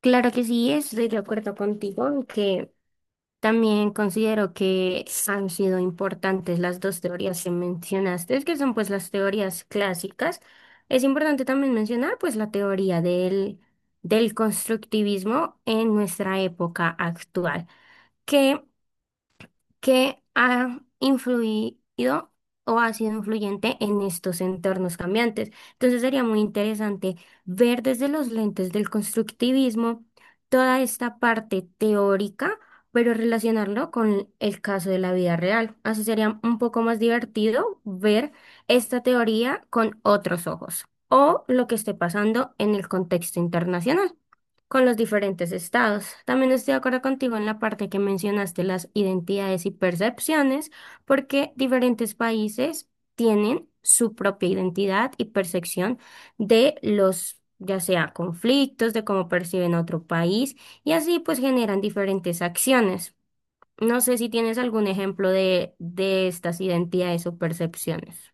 Claro que sí, estoy de acuerdo contigo, aunque también considero que han sido importantes las dos teorías que mencionaste, que son pues las teorías clásicas. Es importante también mencionar pues la teoría del constructivismo en nuestra época actual, que que ha influido o ha sido influyente en estos entornos cambiantes. Entonces sería muy interesante ver desde los lentes del constructivismo toda esta parte teórica, pero relacionarlo con el caso de la vida real. Así sería un poco más divertido ver esta teoría con otros ojos o lo que esté pasando en el contexto internacional con los diferentes estados. También estoy de acuerdo contigo en la parte que mencionaste las identidades y percepciones, porque diferentes países tienen su propia identidad y percepción de los, ya sea conflictos, de cómo perciben a otro país, y así pues generan diferentes acciones. No sé si tienes algún ejemplo de estas identidades o percepciones.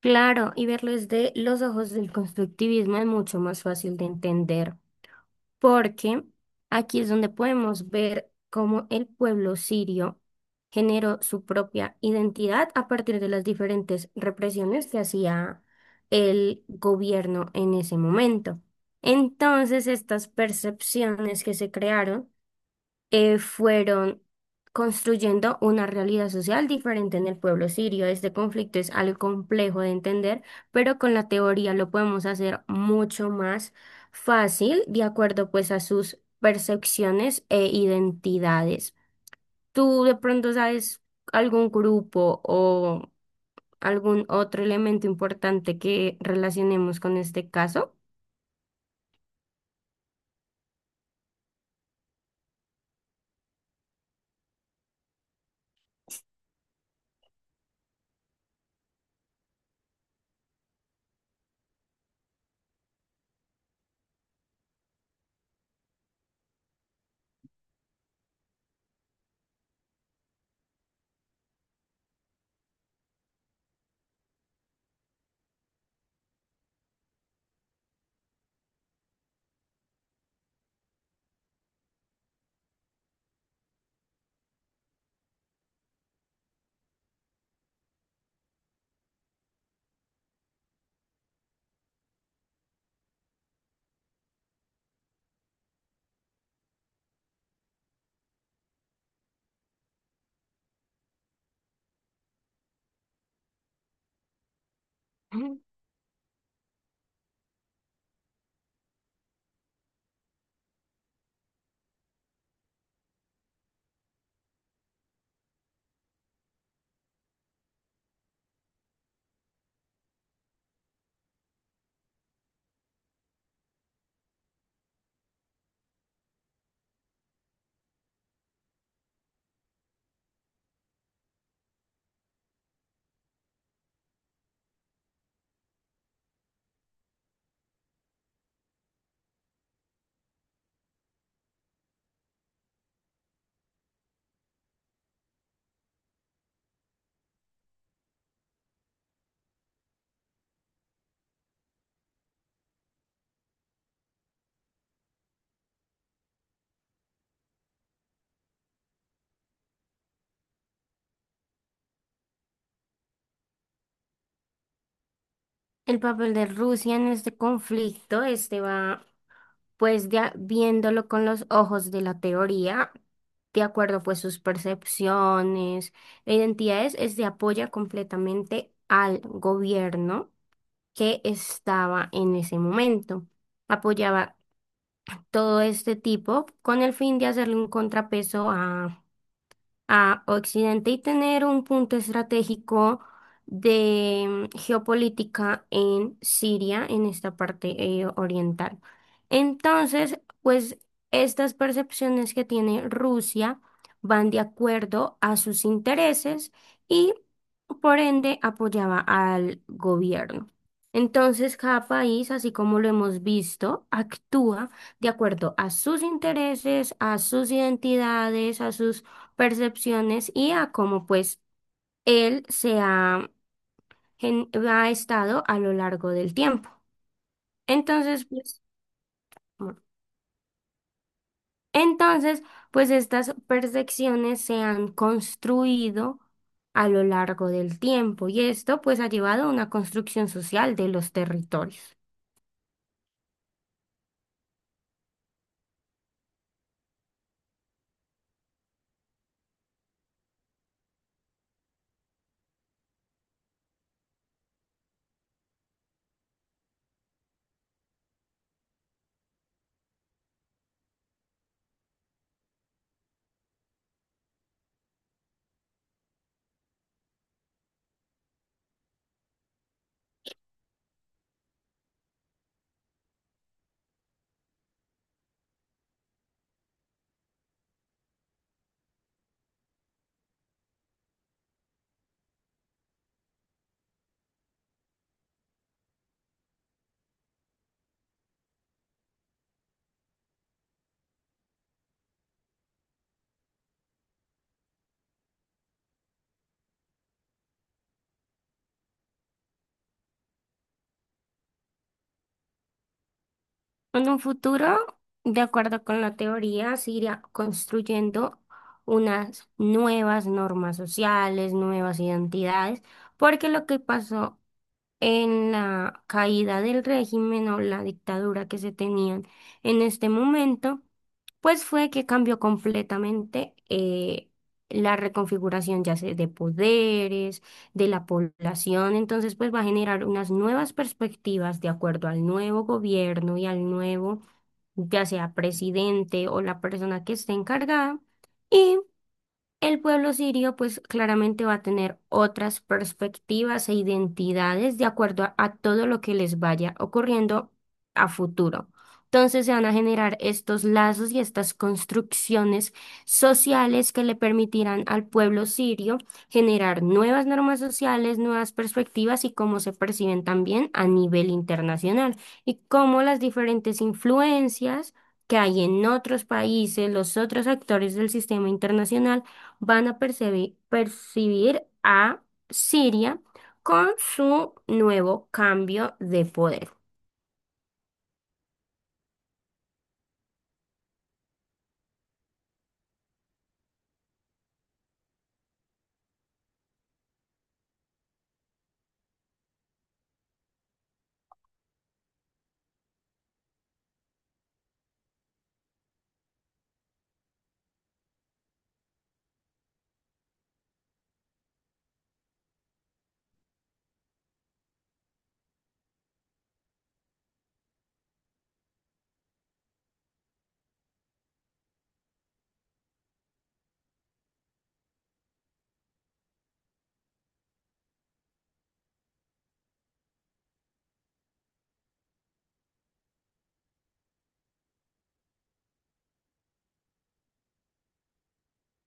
Claro, y verlo desde los ojos del constructivismo es mucho más fácil de entender, porque aquí es donde podemos ver cómo el pueblo sirio generó su propia identidad a partir de las diferentes represiones que hacía el gobierno en ese momento. Entonces, estas percepciones que se crearon fueron construyendo una realidad social diferente en el pueblo sirio. Este conflicto es algo complejo de entender, pero con la teoría lo podemos hacer mucho más fácil, de acuerdo pues a sus percepciones e identidades. ¿Tú de pronto sabes algún grupo o algún otro elemento importante que relacionemos con este caso? Ujú. El papel de Rusia en este conflicto, este va. Pues ya viéndolo con los ojos de la teoría, de acuerdo pues sus percepciones e identidades, es de apoya completamente al gobierno que estaba en ese momento. Apoyaba todo este tipo con el fin de hacerle un contrapeso a Occidente y tener un punto estratégico de geopolítica en Siria, en esta parte oriental. Entonces, pues estas percepciones que tiene Rusia van de acuerdo a sus intereses y por ende apoyaba al gobierno. Entonces, cada país, así como lo hemos visto, actúa de acuerdo a sus intereses, a sus identidades, a sus percepciones y a cómo pues él ha estado a lo largo del tiempo. Entonces, pues, bueno, entonces, pues estas percepciones se han construido a lo largo del tiempo y esto pues ha llevado a una construcción social de los territorios. En un futuro, de acuerdo con la teoría, se irá construyendo unas nuevas normas sociales, nuevas identidades, porque lo que pasó en la caída del régimen o la dictadura que se tenían en este momento, pues fue que cambió completamente la reconfiguración ya sea de poderes, de la población, entonces pues va a generar unas nuevas perspectivas de acuerdo al nuevo gobierno y al nuevo, ya sea presidente o la persona que esté encargada. El pueblo sirio pues claramente va a tener otras perspectivas e identidades de acuerdo a todo lo que les vaya ocurriendo a futuro. Entonces se van a generar estos lazos y estas construcciones sociales que le permitirán al pueblo sirio generar nuevas normas sociales, nuevas perspectivas y cómo se perciben también a nivel internacional y cómo las diferentes influencias que hay en otros países, los otros actores del sistema internacional, van a percibir a Siria con su nuevo cambio de poder.